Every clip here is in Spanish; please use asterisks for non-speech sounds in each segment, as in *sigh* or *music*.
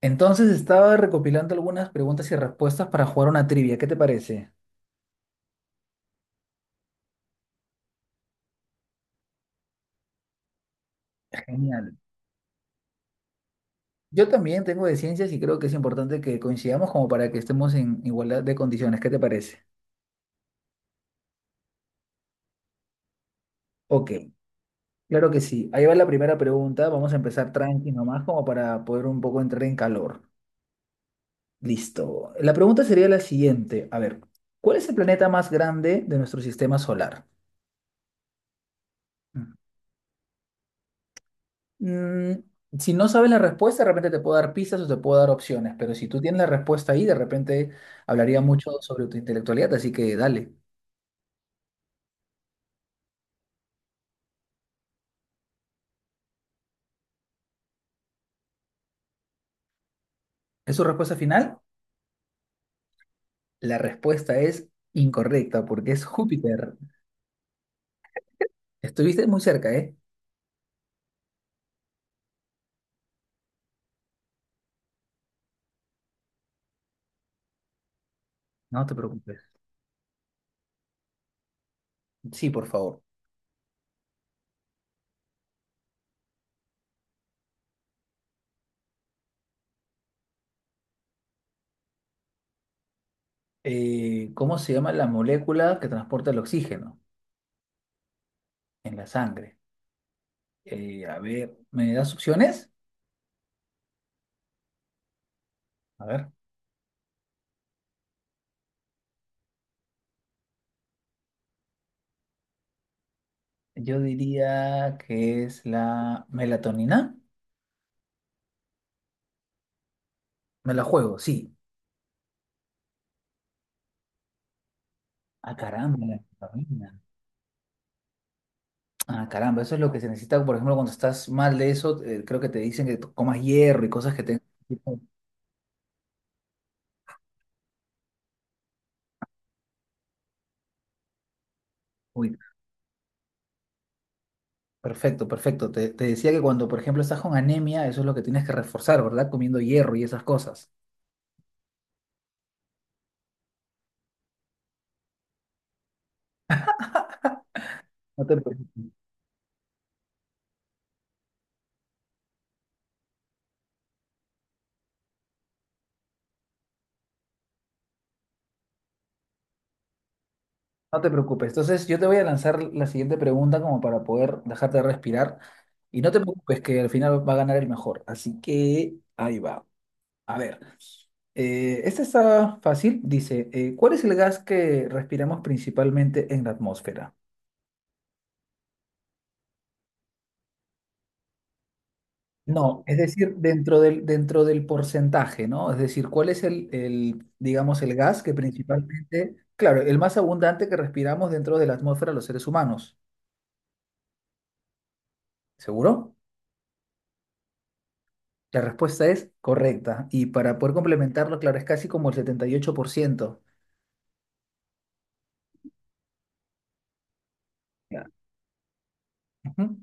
Entonces estaba recopilando algunas preguntas y respuestas para jugar una trivia. ¿Qué te parece? Genial. Yo también tengo de ciencias y creo que es importante que coincidamos como para que estemos en igualdad de condiciones. ¿Qué te parece? Ok, claro que sí. Ahí va la primera pregunta. Vamos a empezar tranqui nomás como para poder un poco entrar en calor. Listo. La pregunta sería la siguiente. A ver, ¿cuál es el planeta más grande de nuestro sistema solar? Mm, si no sabes la respuesta, de repente te puedo dar pistas o te puedo dar opciones, pero si tú tienes la respuesta ahí, de repente hablaría mucho sobre tu intelectualidad, así que dale. ¿Es su respuesta final? La respuesta es incorrecta porque es Júpiter. Estuviste muy cerca, ¿eh? No te preocupes. Sí, por favor. ¿Cómo se llama la molécula que transporta el oxígeno en la sangre? A ver, ¿me das opciones? A ver, yo diría que es la melatonina. Me la juego, sí. Ah, caramba, la vitamina. Ah, caramba, eso es lo que se necesita, por ejemplo, cuando estás mal de eso, creo que te dicen que comas hierro y cosas que te... Uy, perfecto, perfecto. Te decía que cuando, por ejemplo, estás con anemia, eso es lo que tienes que reforzar, ¿verdad? Comiendo hierro y esas cosas. No te, pre- no te preocupes. Entonces, yo te voy a lanzar la siguiente pregunta como para poder dejarte respirar. Y no te preocupes que al final va a ganar el mejor. Así que ahí va. A ver. Esta está fácil. Dice, ¿cuál es el gas que respiramos principalmente en la atmósfera? No, es decir, dentro del porcentaje, ¿no? Es decir, ¿cuál es digamos, el gas que principalmente, claro, el más abundante que respiramos dentro de la atmósfera los seres humanos? ¿Seguro? La respuesta es correcta. Y para poder complementarlo, claro, es casi como el 78%. Ya. Ujú.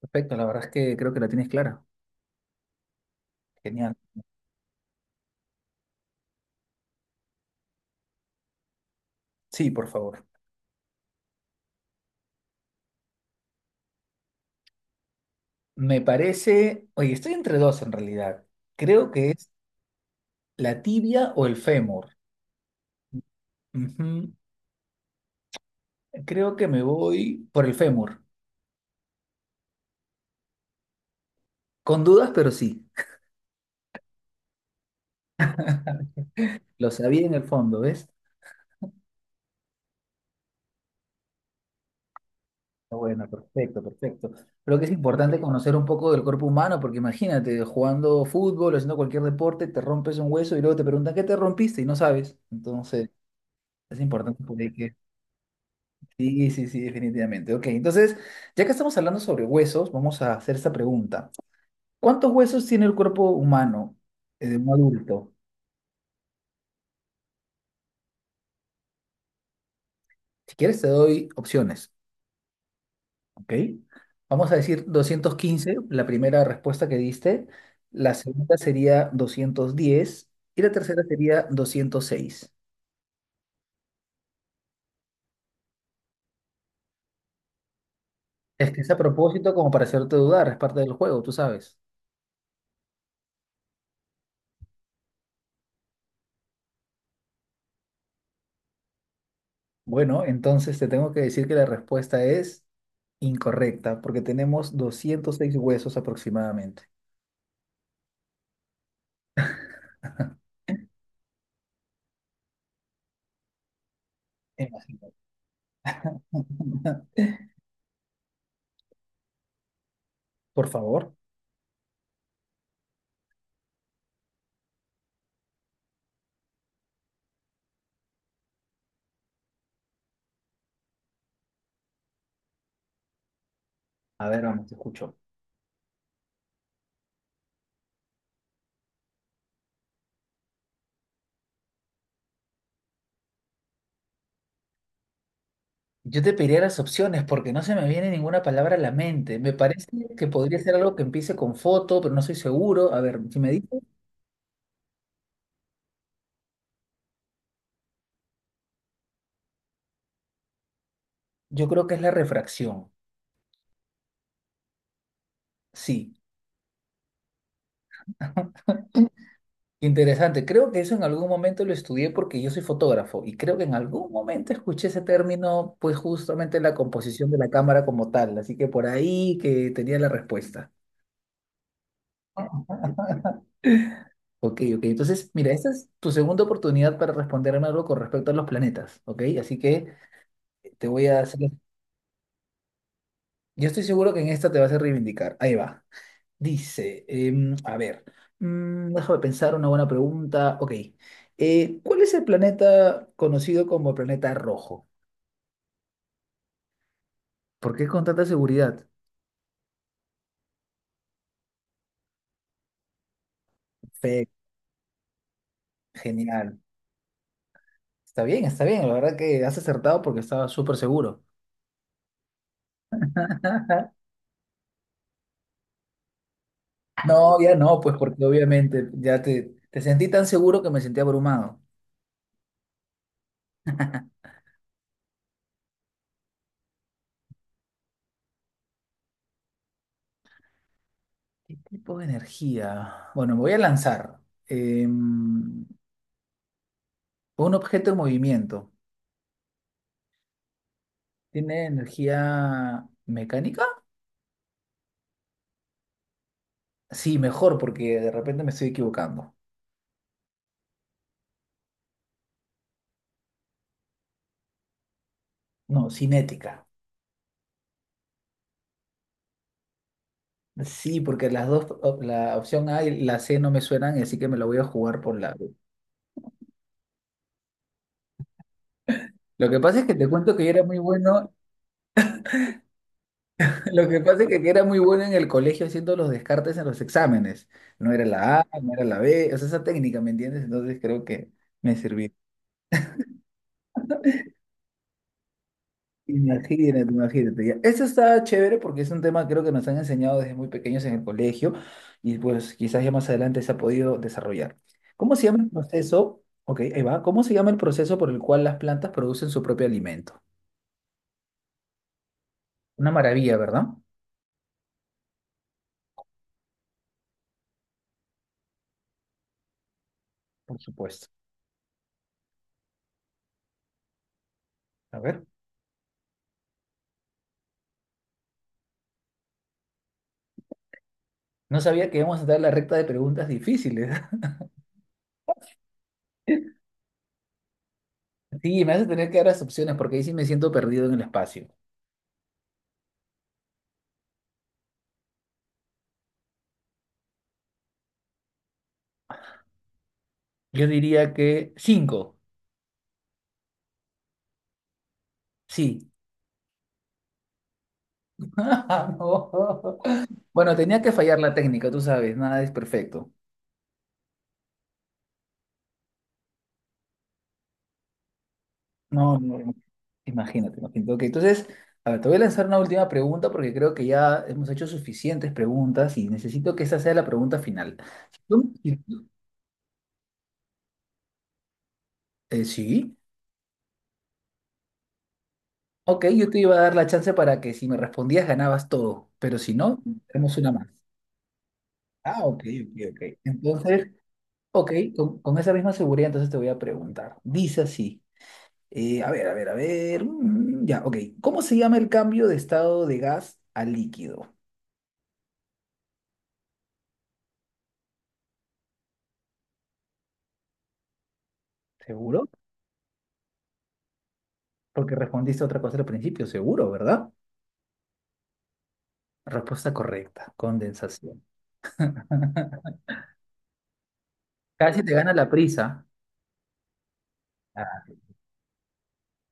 Perfecto, la verdad es que creo que la tienes clara. Genial. Sí, por favor. Me parece, oye, estoy entre dos en realidad. Creo que es la tibia o el fémur. Ujú. Creo que me voy por el fémur. Con dudas, pero sí. Lo sabía en el fondo, ¿ves? Ah, bueno, perfecto, perfecto. Creo que es importante conocer un poco del cuerpo humano, porque imagínate, jugando fútbol, o haciendo cualquier deporte, te rompes un hueso y luego te preguntan, ¿qué te rompiste? Y no sabes. Entonces, es importante por ahí que... Sí, sí, sí, definitivamente. Ok, entonces, ya que estamos hablando sobre huesos, vamos a hacer esta pregunta. ¿Cuántos huesos tiene el cuerpo humano de un adulto? Si quieres, te doy opciones, ¿ok? Vamos a decir 215, la primera respuesta que diste. La segunda sería 210 y la tercera sería 206. Es que es a propósito como para hacerte dudar, es parte del juego, tú sabes. Bueno, entonces te tengo que decir que la respuesta es incorrecta, porque tenemos 206 huesos aproximadamente. *laughs* Imagínate. *laughs* Por favor, a ver, vamos, te escucho. Yo te pediría las opciones porque no se me viene ninguna palabra a la mente. Me parece que podría ser algo que empiece con foto, pero no soy seguro. A ver, si me dices, yo creo que es la refracción. Sí, *laughs* interesante. Creo que eso en algún momento lo estudié porque yo soy fotógrafo y creo que en algún momento escuché ese término, pues justamente en la composición de la cámara como tal. Así que por ahí que tenía la respuesta. *laughs* Ok, ok. Entonces, mira, esta es tu segunda oportunidad para responderme algo con respecto a los planetas, ¿ok? Así que te voy a hacer... Yo estoy seguro que en esta te vas a reivindicar. Ahí va. Dice, a ver, déjame pensar una buena pregunta. Ok, ¿cuál es el planeta conocido como planeta rojo? ¿Por qué con tanta seguridad? Fe, genial. Está bien, está bien. La verdad que has acertado porque estaba súper seguro. *laughs* No, ya no, pues porque obviamente ya te sentí tan seguro que me sentí abrumado. ¿Qué tipo de energía? Bueno, me voy a lanzar. Em, un objeto en movimiento. ¿Tiene energía mecánica? Sí, mejor porque de repente me estoy equivocando. No, cinética. Sí, porque las dos, la opción A y la C no me suenan, así que me la voy a jugar por la B. Lo que pasa es que te cuento que yo era muy bueno, *laughs* lo que pasa es que era muy bueno en el colegio haciendo los descartes en los exámenes. No era la A, no era la B, o sea, esa técnica, ¿me entiendes? Entonces creo que me sirvió. Imagínate, imagínate. Ya. Eso está chévere porque es un tema creo que nos han enseñado desde muy pequeños en el colegio y pues quizás ya más adelante se ha podido desarrollar. ¿Cómo se llama el proceso? Ok, ahí va. ¿Cómo se llama el proceso por el cual las plantas producen su propio alimento? Una maravilla, ¿verdad? Por supuesto. A ver. No sabía que íbamos a dar la recta de preguntas difíciles. *laughs* Sí, me hace tener que dar las opciones porque ahí sí me siento perdido en el espacio. Yo diría que cinco. Sí. *laughs* No. Bueno, tenía que fallar la técnica, tú sabes, nada es perfecto. No, no, no. Imagínate, imagínate. Ok, entonces, a ver, te voy a lanzar una última pregunta porque creo que ya hemos hecho suficientes preguntas y necesito que esa sea la pregunta final. Si tú- si tú- Sí, ok, yo te iba a dar la chance para que si me respondías ganabas todo, pero si no, tenemos una más. Ah, ok, ok, ok. Entonces, ok, con esa misma seguridad entonces te voy a preguntar. Dice así. A ver, a ver, a ver. Ya, ok. ¿Cómo se llama el cambio de estado de gas a líquido? ¿Seguro? Porque respondiste otra cosa al principio, seguro, ¿verdad? Respuesta correcta, condensación. *laughs* Casi te gana la prisa. Ah,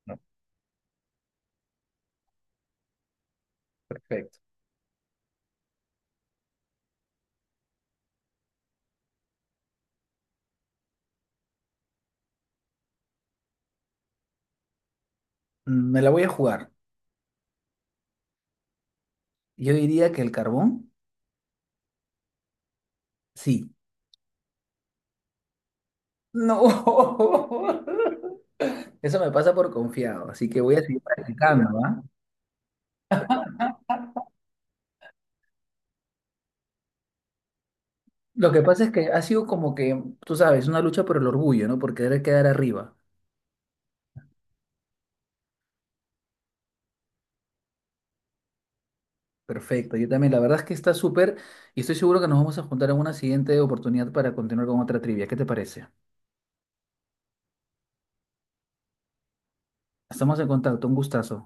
no, perfecto. Me la voy a jugar. Yo diría que el carbón, sí. No. *laughs* Eso me pasa por confiado, así que voy a seguir practicando, ¿ah? Lo que pasa es que ha sido como que, tú sabes, una lucha por el orgullo, ¿no? Por querer quedar arriba. Perfecto, yo también. La verdad es que está súper y estoy seguro que nos vamos a juntar en una siguiente oportunidad para continuar con otra trivia. ¿Qué te parece? Estamos en contacto, un gustazo.